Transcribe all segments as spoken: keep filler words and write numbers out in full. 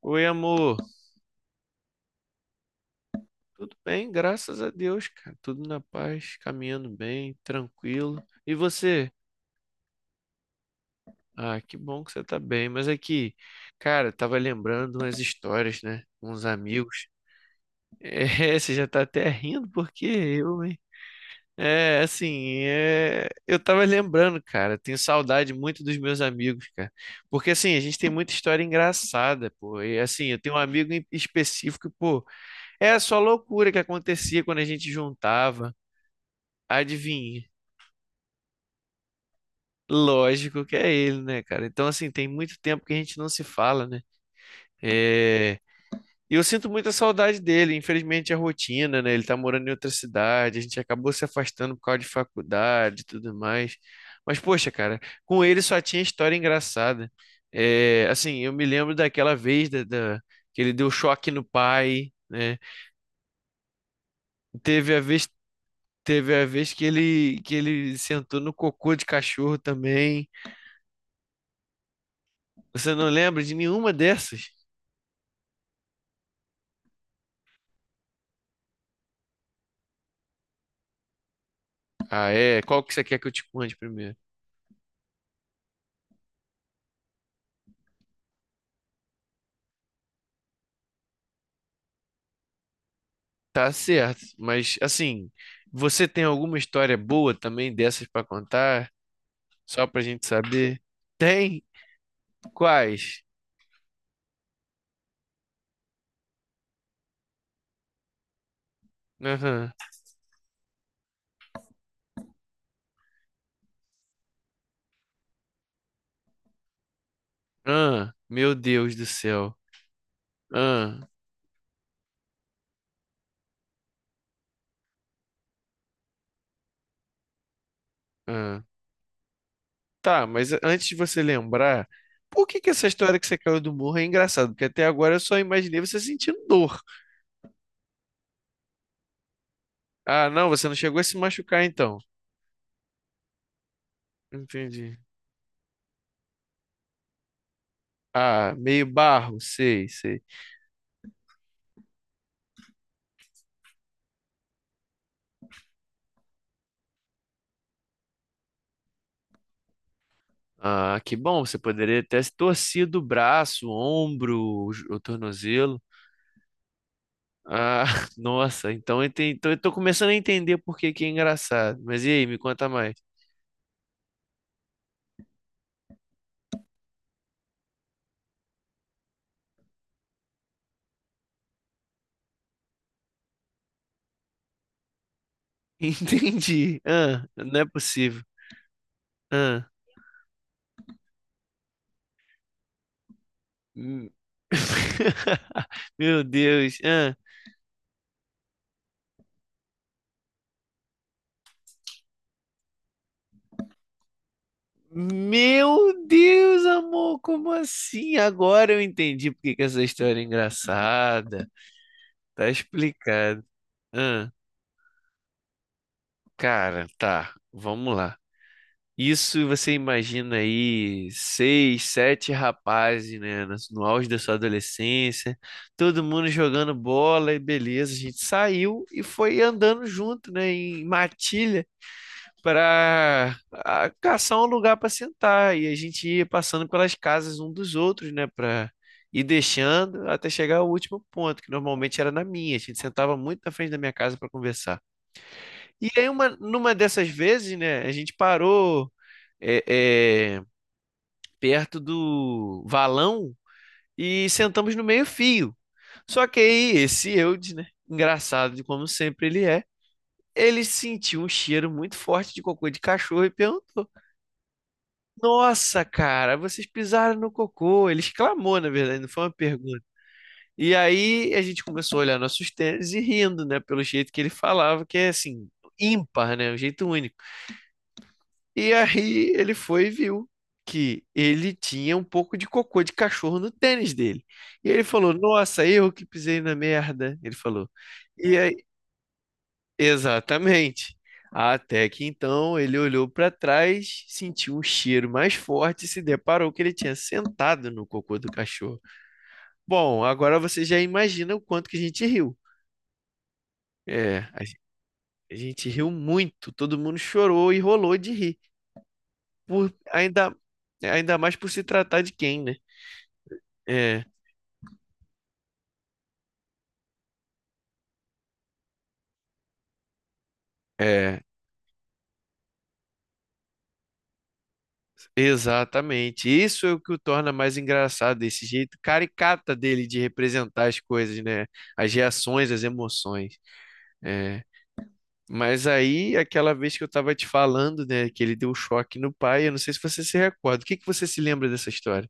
Oi, amor. Tudo bem? Graças a Deus, cara. Tudo na paz, caminhando bem, tranquilo. E você? Ah, que bom que você tá bem. Mas aqui, cara, tava lembrando umas histórias, né? Uns amigos. É, você já tá até rindo, porque eu, hein? É, assim, é... eu tava lembrando, cara. Tenho saudade muito dos meus amigos, cara. Porque, assim, a gente tem muita história engraçada, pô. E, assim, eu tenho um amigo em específico, pô. É só loucura que acontecia quando a gente juntava. Adivinha? Lógico que é ele, né, cara? Então, assim, tem muito tempo que a gente não se fala, né? É... E eu sinto muita saudade dele. Infelizmente, a rotina, né? Ele tá morando em outra cidade, a gente acabou se afastando por causa de faculdade e tudo mais. Mas, poxa, cara, com ele só tinha história engraçada. É... Assim, eu me lembro daquela vez da, da- que ele deu choque no pai, né? Teve a vez, teve a vez que ele, que ele sentou no cocô de cachorro também. Você não lembra de nenhuma dessas? Ah, é? Qual que você quer que eu te conte primeiro? Tá certo, mas assim, você tem alguma história boa também dessas pra contar? Só pra gente saber? Tem? Quais? Aham. Ah, meu Deus do céu. Ah, ah. Tá, mas a- antes de você lembrar, por que que essa história que você caiu do morro é engraçada? Porque até agora eu só imaginei você sentindo dor. Ah, não, você não chegou a se machucar então. Entendi. Ah, meio barro, sei, sei. Ah, que bom, você poderia ter se torcido o braço, o ombro, o jo- o tornozelo. Ah, nossa, então eu, enten- então eu tô começando a entender por que que é engraçado. Mas e aí, me conta mais. Entendi. Ah, não é possível. Ah, hum. Meu Deus. Ah, meu Deus, amor, como assim? Agora eu entendi por que que essa história é engraçada. Tá explicado. Ah, cara, tá, vamos lá. Isso você imagina aí seis, sete rapazes, né, no no auge da sua adolescência, todo mundo jogando bola e beleza. A gente saiu e foi andando junto, né, em matilha para caçar um lugar para sentar. E a gente ia passando pelas casas um dos outros, né, para ir deixando até chegar ao último ponto, que normalmente era na minha. A gente sentava muito na frente da minha casa para conversar. E aí, uma, numa dessas vezes, né, a gente parou. É, é, perto do valão e sentamos no meio-fio. Só que aí esse Eudes, né? Engraçado de como sempre ele é. Ele sentiu um cheiro muito forte de cocô de cachorro e perguntou: nossa, cara, vocês pisaram no cocô. Ele exclamou, na verdade, não foi uma pergunta. E aí a gente começou a olhar nossos tênis e rindo, né? Pelo jeito que ele falava, que é assim, ímpar, né? Um jeito único. E aí ele foi e viu que ele tinha um pouco de cocô de cachorro no tênis dele. E ele falou: nossa, eu que pisei na merda. Ele falou. E aí, exatamente. Até que então ele olhou para trás, sentiu um cheiro mais forte e se deparou que ele tinha sentado no cocô do cachorro. Bom, agora você já imagina o quanto que a gente riu. É, a gen- a gente riu muito, todo mundo chorou e rolou de rir. Por, ainda, ainda mais por se tratar de quem, né? É, é, exatamente. Isso é o que o torna mais engraçado, esse jeito caricata dele de representar as coisas, né? As reações, as emoções. É. Mas aí, aquela vez que eu estava te falando, né, que ele deu um choque no pai, eu não sei se você se recorda. O que que você se lembra dessa história?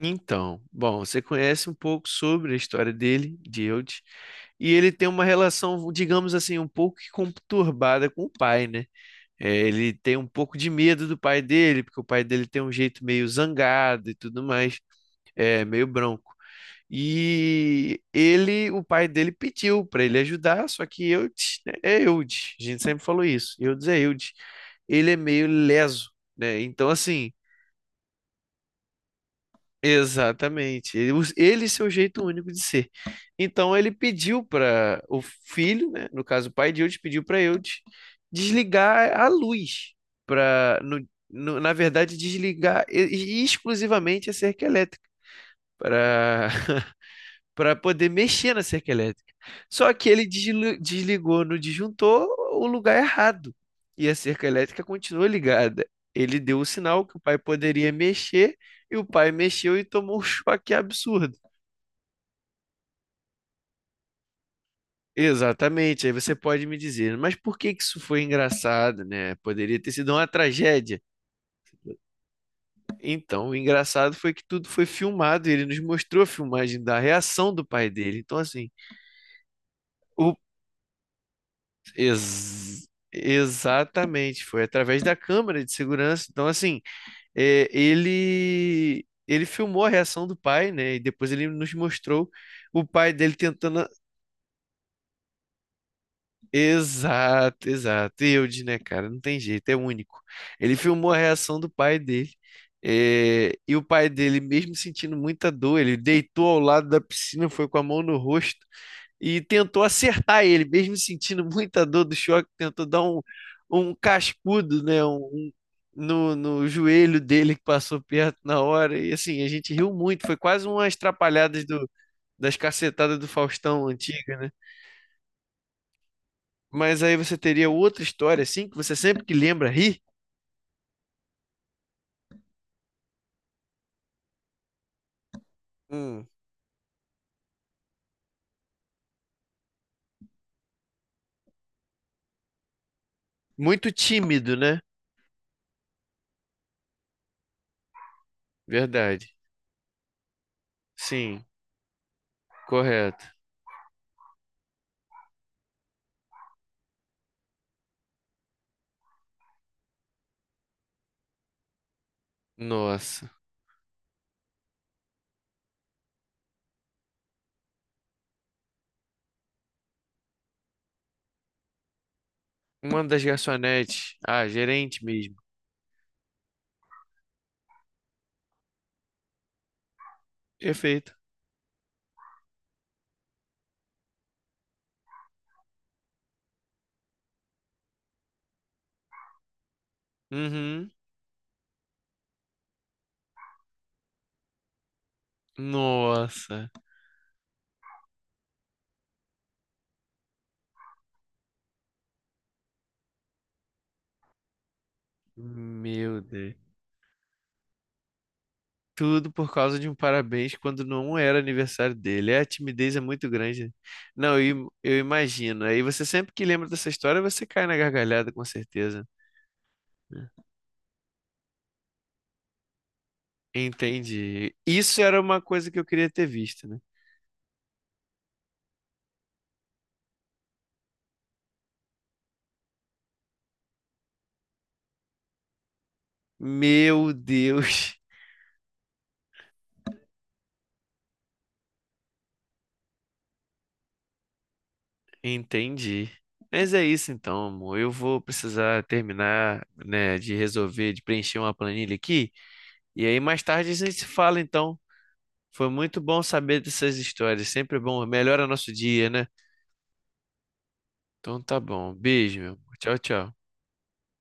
Então, bom, você conhece um pouco sobre a história dele, de Eudes, e ele tem uma relação, digamos assim, um pouco que conturbada com o pai, né? É, ele tem um pouco de medo do pai dele, porque o pai dele tem um jeito meio zangado e tudo mais, é meio bronco. E ele, o pai dele pediu para ele ajudar, só que Eudes, né, é Eudes, a gente sempre falou isso, Eudes é Eudes. Ele é meio leso, né? Então assim, exatamente. Ele, os- ele e seu jeito único de ser. Então ele pediu para o filho, né, no caso o pai de Eudes, pediu para Eudes desligar a luz para, na verdade, desligar e- e exclusivamente a cerca elétrica para para poder mexer na cerca elétrica. Só que ele desli- desligou no disjuntor o lugar errado e a cerca elétrica continuou ligada. Ele deu o sinal que o pai poderia mexer e o pai mexeu e tomou um choque absurdo. Exatamente, aí você pode me dizer, mas por que que isso foi engraçado, né? Poderia ter sido uma tragédia. Então, o engraçado foi que tudo foi filmado, e ele nos mostrou a filmagem da reação do pai dele. Então, assim, o Ex- exatamente, foi através da câmera de segurança. Então, assim, é, ele ele filmou a reação do pai, né? E depois ele nos mostrou o pai dele tentando. a- Exato, exato. E eu disse, né, cara, não tem jeito, é único. Ele filmou a reação do pai dele. É, e o pai dele, mesmo sentindo muita dor, ele deitou ao lado da piscina, foi com a mão no rosto e tentou acertar ele, mesmo sentindo muita dor do choque, tentou dar um, um cascudo, né, um, um, no, no joelho dele que passou perto na hora. E assim, a gente riu muito, foi quase umas trapalhadas do, das cacetadas do Faustão antiga, né? Mas aí você teria outra história, assim, que você sempre que lembra ri. Hum. Muito tímido, né? Verdade. Sim, correto. Nossa. Uma das garçonetes. Ah, gerente mesmo. Perfeito. Uhum. Nossa. Meu Deus. Tudo por causa de um parabéns quando não era aniversário dele. É, a timidez é muito grande, né? Não, eu, im- eu imagino. Aí você sempre que lembra dessa história, você cai na gargalhada, com certeza. Né? Entendi. Isso era uma coisa que eu queria ter visto, né? Meu Deus. Entendi. Mas é isso então, amor. Eu vou precisar terminar, né, de resolver, de preencher uma planilha aqui. E aí mais tarde a gente se fala, então. Foi muito bom saber dessas histórias. Sempre bom. Melhora nosso dia, né? Então tá bom. Beijo, meu amor. Tchau, tchau.